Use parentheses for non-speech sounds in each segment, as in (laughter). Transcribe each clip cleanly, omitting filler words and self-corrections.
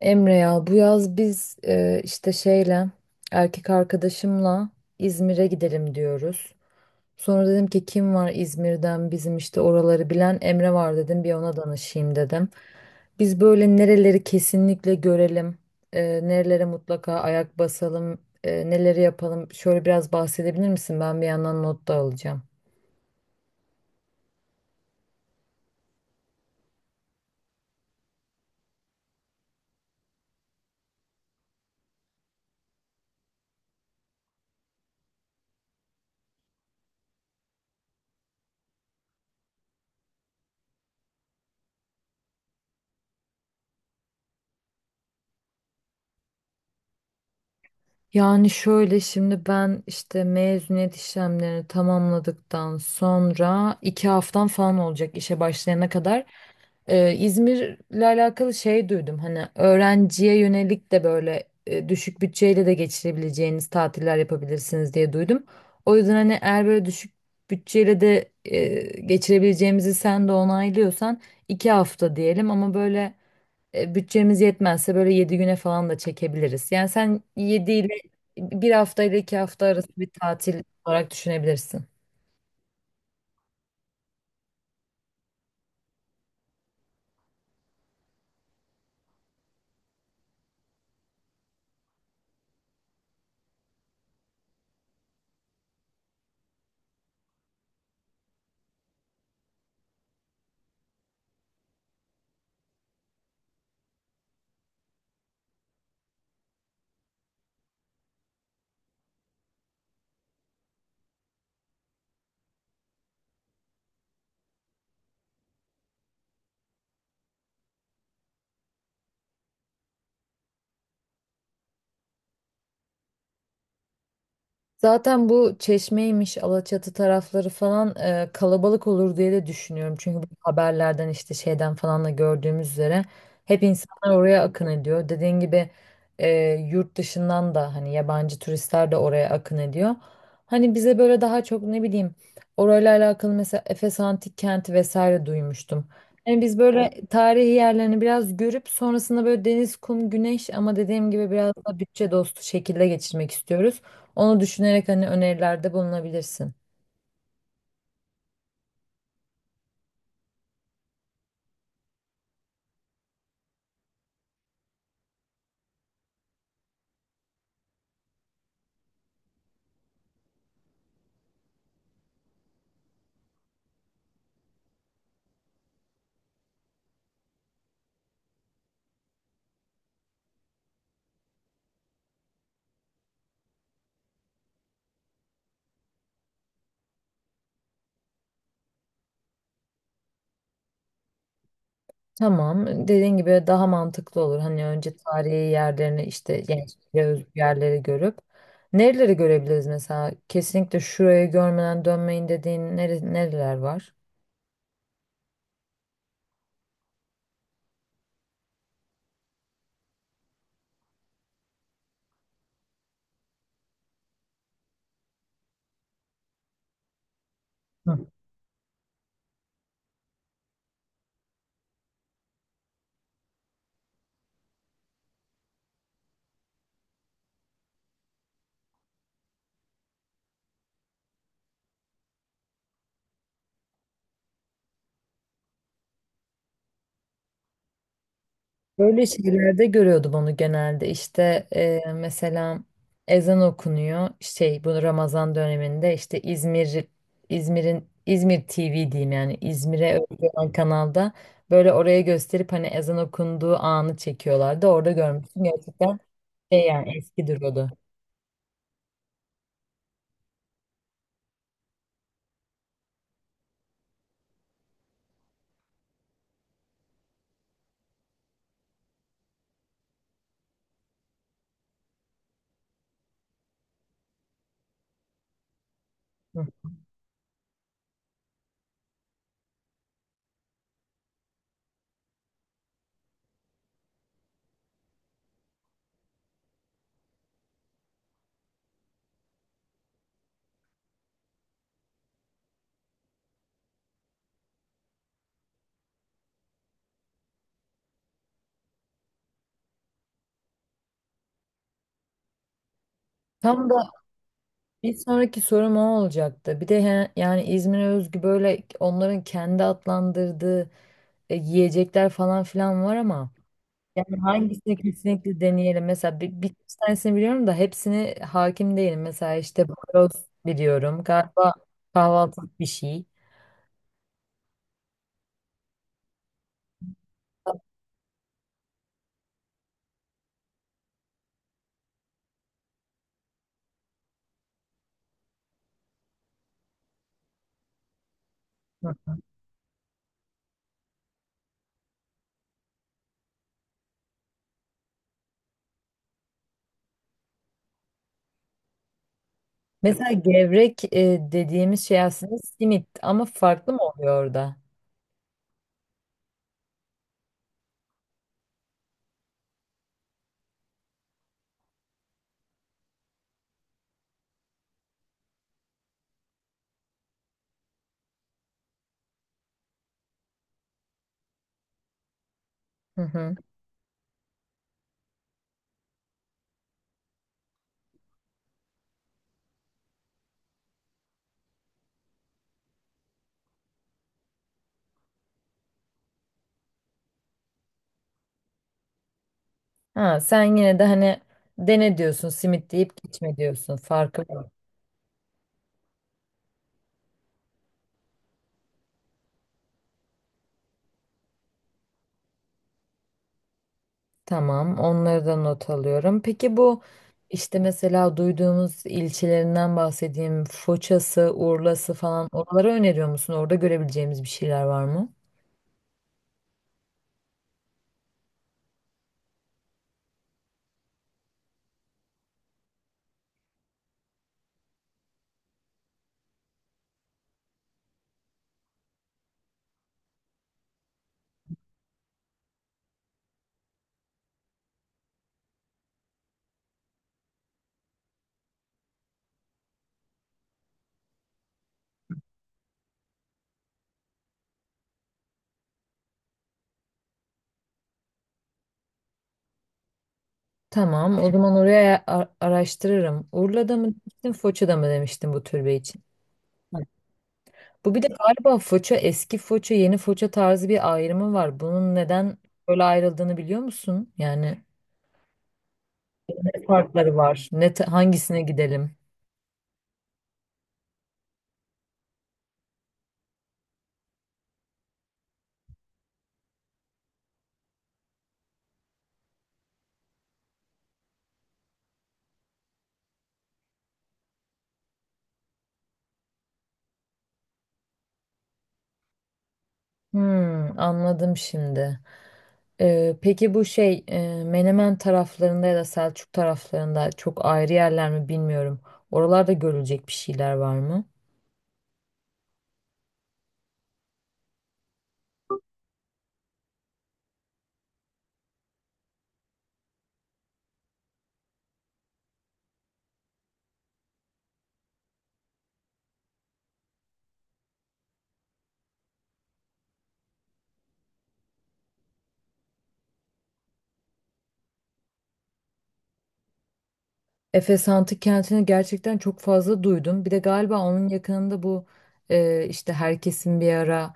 Emre ya bu yaz biz işte erkek arkadaşımla İzmir'e gidelim diyoruz. Sonra dedim ki kim var İzmir'den bizim işte oraları bilen Emre var dedim bir ona danışayım dedim. Biz böyle nereleri kesinlikle görelim, e, nerelere mutlaka ayak basalım, neleri yapalım şöyle biraz bahsedebilir misin? Ben bir yandan not da alacağım. Yani şöyle şimdi ben işte mezuniyet işlemlerini tamamladıktan sonra iki haftam falan olacak işe başlayana kadar. İzmir'le alakalı şey duydum hani öğrenciye yönelik de böyle düşük bütçeyle de geçirebileceğiniz tatiller yapabilirsiniz diye duydum. O yüzden hani eğer böyle düşük bütçeyle de geçirebileceğimizi sen de onaylıyorsan iki hafta diyelim ama böyle bütçemiz yetmezse böyle 7 güne falan da çekebiliriz. Yani sen yedi ile bir hafta ile 2 hafta arası bir tatil olarak düşünebilirsin. Zaten bu Çeşme'ymiş, Alaçatı tarafları falan kalabalık olur diye de düşünüyorum. Çünkü bu haberlerden işte şeyden falan da gördüğümüz üzere hep insanlar oraya akın ediyor. Dediğin gibi e, yurt dışından da hani yabancı turistler de oraya akın ediyor. Hani bize böyle daha çok ne bileyim orayla alakalı mesela Efes Antik Kenti vesaire duymuştum. Yani biz böyle evet, tarihi yerlerini biraz görüp sonrasında böyle deniz, kum, güneş ama dediğim gibi biraz da bütçe dostu şekilde geçirmek istiyoruz. Onu düşünerek hani önerilerde bulunabilirsin. Tamam, dediğin gibi daha mantıklı olur. Hani önce tarihi yerlerini işte gençliğe özgü yerleri görüp nereleri görebiliriz mesela? Kesinlikle şurayı görmeden dönmeyin dediğin nereler var? Hı. Böyle şeylerde görüyordum onu genelde. İşte mesela ezan okunuyor. Şey bu Ramazan döneminde işte İzmir'in İzmir TV diyeyim yani İzmir'e özgü olan kanalda böyle oraya gösterip hani ezan okunduğu anı çekiyorlardı. Orada görmüştüm gerçekten şey yani eski duruyordu. Hı. Tam da bir sonraki sorum o olacaktı. Bir de yani İzmir'e özgü böyle onların kendi adlandırdığı yiyecekler falan filan var ama yani hangisini kesinlikle deneyelim. Mesela bir tanesini biliyorum da hepsini hakim değilim. Mesela işte baros biliyorum. Galiba kahvaltılık bir şey. Hı. Mesela gevrek dediğimiz şey aslında simit ama farklı mı oluyor orada? Hı hı. Ha, sen yine de hani dene diyorsun simit deyip geçme diyorsun. Farkı var. Tamam, onları da not alıyorum. Peki bu işte mesela duyduğumuz ilçelerinden bahsedeyim. Foça'sı, Urla'sı falan oraları öneriyor musun? Orada görebileceğimiz bir şeyler var mı? Tamam, o zaman oraya araştırırım. Urla'da mı demiştin, Foça'da mı demiştin bu türbe için? Bu bir de galiba Foça, eski Foça, yeni Foça tarzı bir ayrımı var. Bunun neden böyle ayrıldığını biliyor musun? Yani ne farkları var? Hangisine gidelim? Hmm, anladım şimdi. Peki bu şey Menemen taraflarında ya da Selçuk taraflarında çok ayrı yerler mi bilmiyorum. Oralarda görülecek bir şeyler var mı? Efes Antik Kenti'ni gerçekten çok fazla duydum. Bir de galiba onun yakınında bu işte herkesin bir ara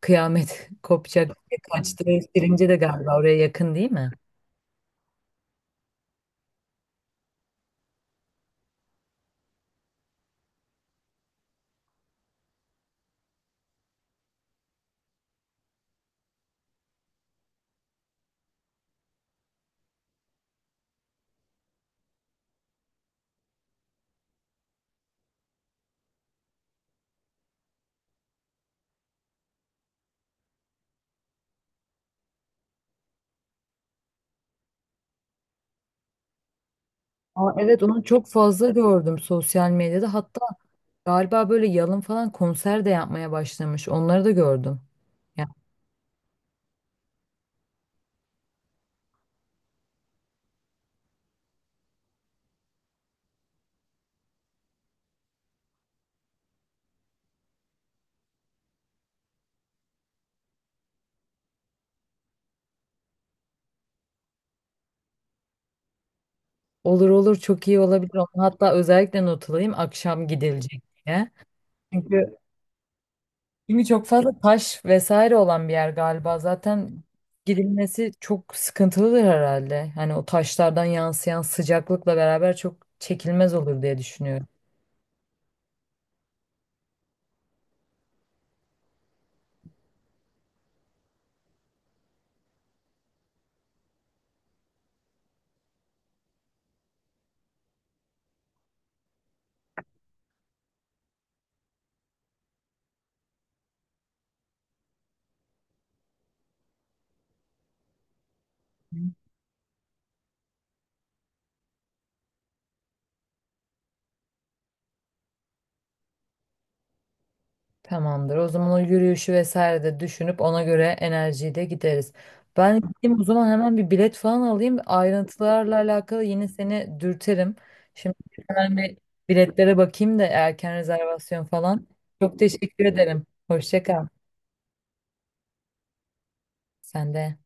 kıyamet (laughs) kopacak diye kaçtığı Şirince de galiba oraya yakın değil mi? Aa, evet onu çok fazla gördüm sosyal medyada. Hatta galiba böyle yalın falan konser de yapmaya başlamış. Onları da gördüm. Olur olur, çok iyi olabilir. Onu hatta özellikle not alayım akşam gidilecek diye. Çünkü, çünkü çok fazla taş vesaire olan bir yer galiba. Zaten gidilmesi çok sıkıntılıdır herhalde. Hani o taşlardan yansıyan sıcaklıkla beraber çok çekilmez olur diye düşünüyorum. Tamamdır. O zaman o yürüyüşü vesaire de düşünüp ona göre enerjiyi de gideriz. Ben gideyim o zaman hemen bir bilet falan alayım. Ayrıntılarla alakalı yine seni dürterim. Şimdi hemen bir biletlere bakayım da erken rezervasyon falan. Çok teşekkür ederim. Hoşça kal. Sen de.